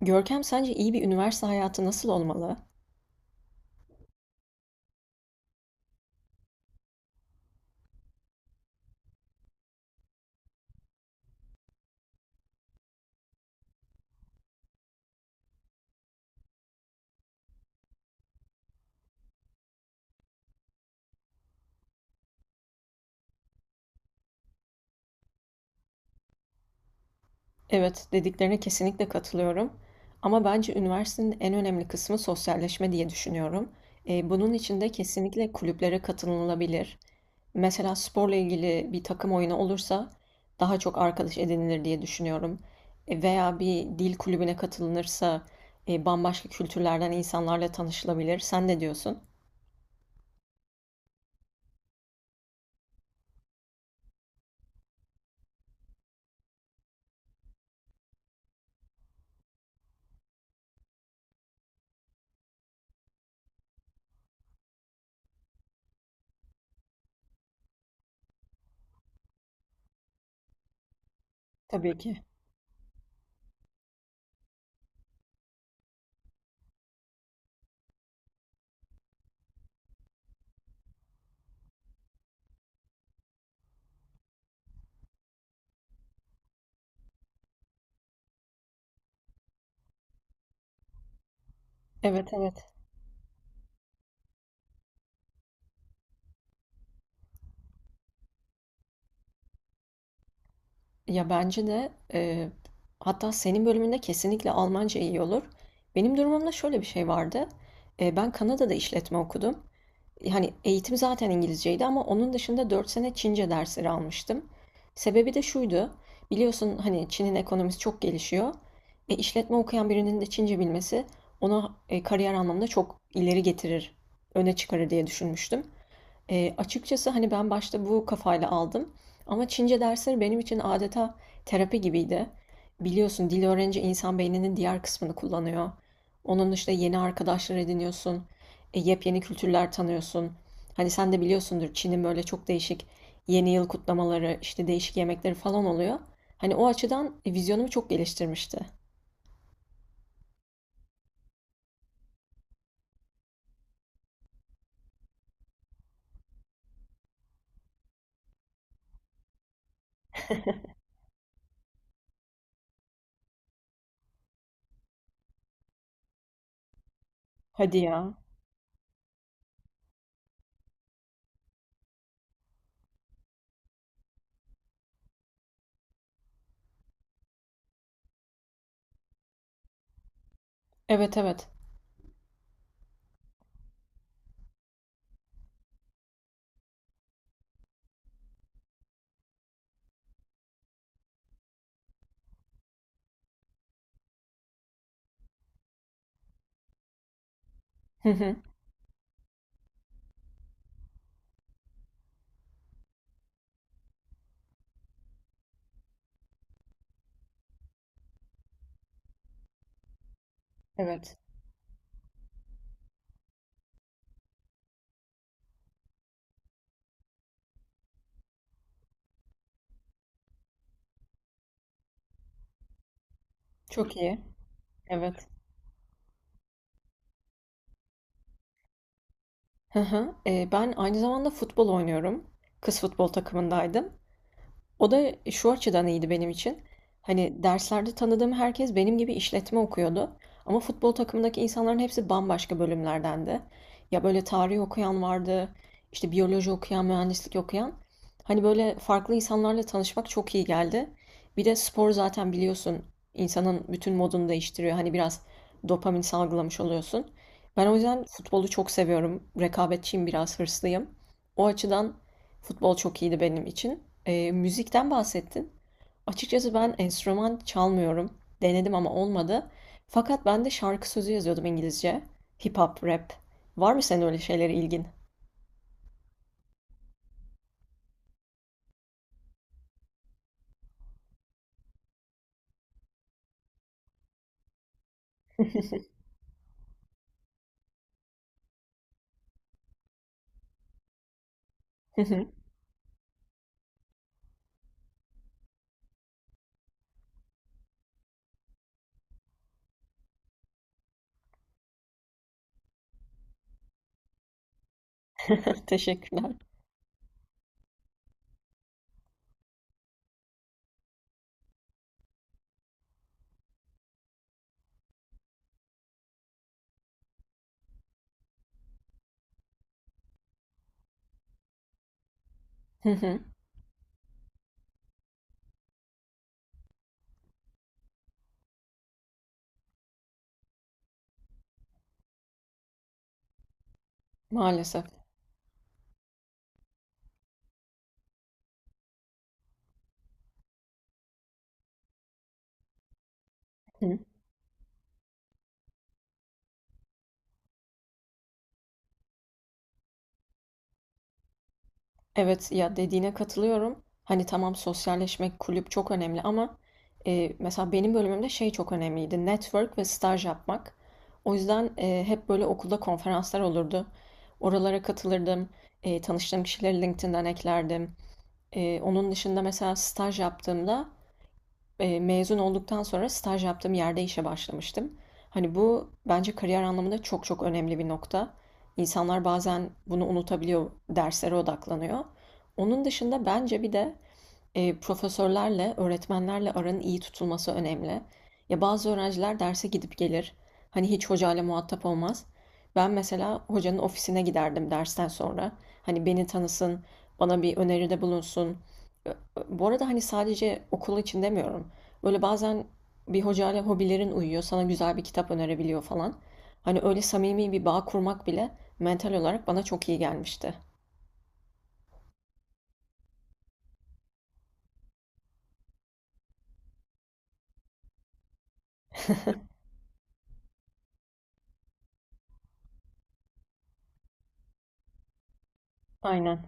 Görkem, sence iyi bir üniversite hayatı nasıl olmalı? Evet, dediklerine kesinlikle katılıyorum. Ama bence üniversitenin en önemli kısmı sosyalleşme diye düşünüyorum. Bunun için de kesinlikle kulüplere katılınabilir. Mesela sporla ilgili bir takım oyunu olursa daha çok arkadaş edinilir diye düşünüyorum. Veya bir dil kulübüne katılınırsa bambaşka kültürlerden insanlarla tanışılabilir. Sen ne diyorsun? Tabii ki. Evet, evet. Ya, bence de hatta senin bölümünde kesinlikle Almanca iyi olur. Benim durumumda şöyle bir şey vardı. Ben Kanada'da işletme okudum. Hani eğitim zaten İngilizceydi ama onun dışında 4 sene Çince dersleri almıştım. Sebebi de şuydu. Biliyorsun, hani Çin'in ekonomisi çok gelişiyor. İşletme okuyan birinin de Çince bilmesi onu kariyer anlamında çok ileri getirir, öne çıkarır diye düşünmüştüm. Açıkçası, hani, ben başta bu kafayla aldım ama Çince dersleri benim için adeta terapi gibiydi. Biliyorsun, dil öğrenince insan beyninin diğer kısmını kullanıyor. Onun dışında yeni arkadaşlar ediniyorsun, yepyeni kültürler tanıyorsun. Hani, sen de biliyorsundur, Çin'in böyle çok değişik yeni yıl kutlamaları, işte, değişik yemekleri falan oluyor. Hani, o açıdan, vizyonumu çok geliştirmişti. Hadi ya. Evet, evet. Hı hı. Evet. Çok iyi. Evet. Hı hı. Ben aynı zamanda futbol oynuyorum. Kız futbol takımındaydım. O da şu açıdan iyiydi benim için. Hani derslerde tanıdığım herkes benim gibi işletme okuyordu. Ama futbol takımındaki insanların hepsi bambaşka bölümlerdendi. Ya, böyle tarih okuyan vardı, işte biyoloji okuyan, mühendislik okuyan. Hani böyle farklı insanlarla tanışmak çok iyi geldi. Bir de spor zaten biliyorsun insanın bütün modunu değiştiriyor. Hani biraz dopamin salgılamış oluyorsun. Ben o yüzden futbolu çok seviyorum. Rekabetçiyim, biraz hırslıyım. O açıdan futbol çok iyiydi benim için. Müzikten bahsettin. Açıkçası ben enstrüman çalmıyorum. Denedim ama olmadı. Fakat ben de şarkı sözü yazıyordum, İngilizce. Hip hop, rap. Var mı senin öyle şeylere ilgin? Teşekkürler. Maalesef. Evet ya, dediğine katılıyorum. Hani tamam, sosyalleşmek, kulüp çok önemli ama mesela benim bölümümde şey çok önemliydi: network ve staj yapmak. O yüzden hep böyle okulda konferanslar olurdu. Oralara katılırdım. Tanıştığım kişileri LinkedIn'den eklerdim. Onun dışında mesela staj yaptığımda, mezun olduktan sonra staj yaptığım yerde işe başlamıştım. Hani bu bence kariyer anlamında çok çok önemli bir nokta. İnsanlar bazen bunu unutabiliyor, derslere odaklanıyor. Onun dışında bence bir de profesörlerle, öğretmenlerle aranın iyi tutulması önemli. Ya, bazı öğrenciler derse gidip gelir. Hani hiç hocayla muhatap olmaz. Ben mesela hocanın ofisine giderdim dersten sonra. Hani beni tanısın, bana bir öneride bulunsun. Bu arada hani sadece okul için demiyorum. Böyle bazen bir hocayla hobilerin uyuyor, sana güzel bir kitap önerebiliyor falan. Hani öyle samimi bir bağ kurmak bile mental olarak bana çok iyi gelmişti. Aynen.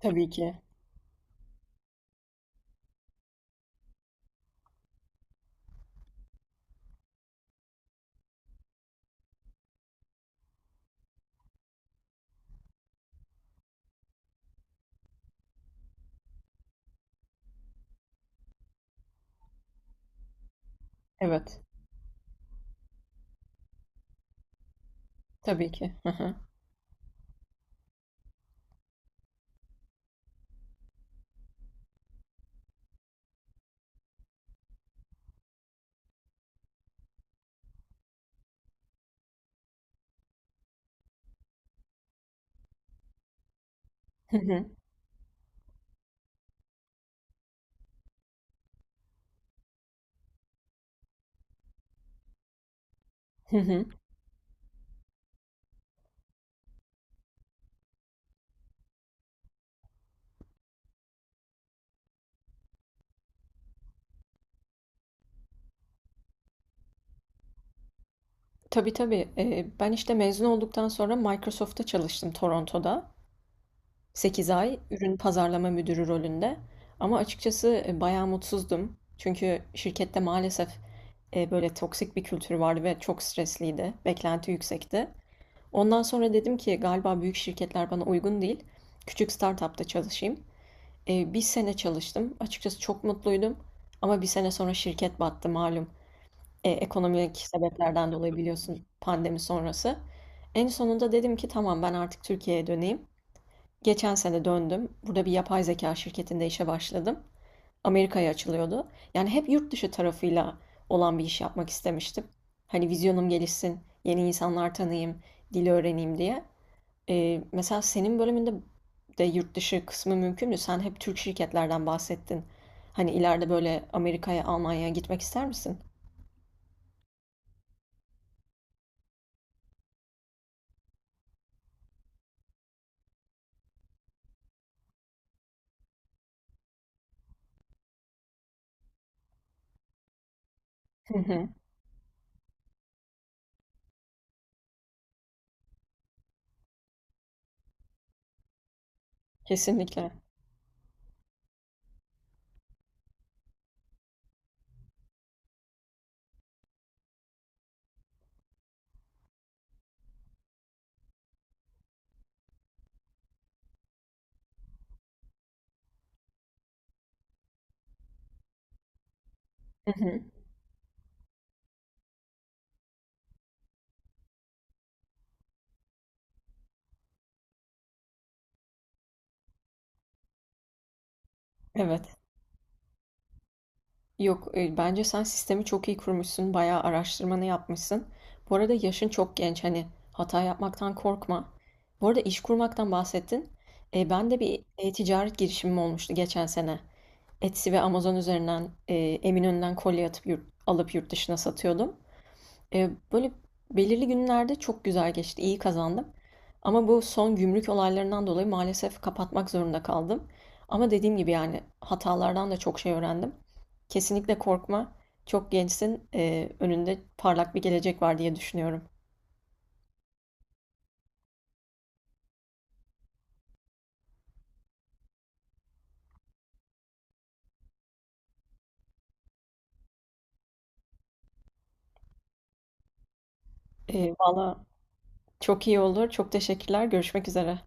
Tabii ki. Evet. Tabii ki. Hı hı. Hı hı. Hı hı. Tabii, tabii. Ben işte mezun olduktan sonra Microsoft'ta çalıştım Toronto'da, 8 ay ürün pazarlama müdürü rolünde. Ama açıkçası bayağı mutsuzdum. Çünkü şirkette maalesef böyle toksik bir kültür vardı ve çok stresliydi. Beklenti yüksekti. Ondan sonra dedim ki galiba büyük şirketler bana uygun değil. Küçük startupta çalışayım. Bir sene çalıştım. Açıkçası çok mutluydum. Ama bir sene sonra şirket battı malum. Ekonomik sebeplerden dolayı, biliyorsun, pandemi sonrası. En sonunda dedim ki tamam, ben artık Türkiye'ye döneyim. Geçen sene döndüm. Burada bir yapay zeka şirketinde işe başladım. Amerika'ya açılıyordu. Yani hep yurt dışı tarafıyla olan bir iş yapmak istemiştim. Hani vizyonum gelişsin, yeni insanlar tanıyayım, dili öğreneyim diye. Mesela senin bölümünde de yurt dışı kısmı mümkün mü? Sen hep Türk şirketlerden bahsettin. Hani ileride böyle Amerika'ya, Almanya'ya gitmek ister misin? Hı hı. Kesinlikle. Hı hı. Evet. Yok, bence sen sistemi çok iyi kurmuşsun, bayağı araştırmanı yapmışsın. Bu arada yaşın çok genç, hani hata yapmaktan korkma. Bu arada iş kurmaktan bahsettin. Ben de bir e-ticaret girişimim olmuştu geçen sene. Etsy ve Amazon üzerinden Eminönü'nden kolye atıp yurt, alıp yurt dışına satıyordum. Böyle belirli günlerde çok güzel geçti, iyi kazandım. Ama bu son gümrük olaylarından dolayı maalesef kapatmak zorunda kaldım. Ama dediğim gibi yani, hatalardan da çok şey öğrendim. Kesinlikle korkma. Çok gençsin. Önünde parlak bir gelecek var diye düşünüyorum. Valla çok iyi olur. Çok teşekkürler. Görüşmek üzere.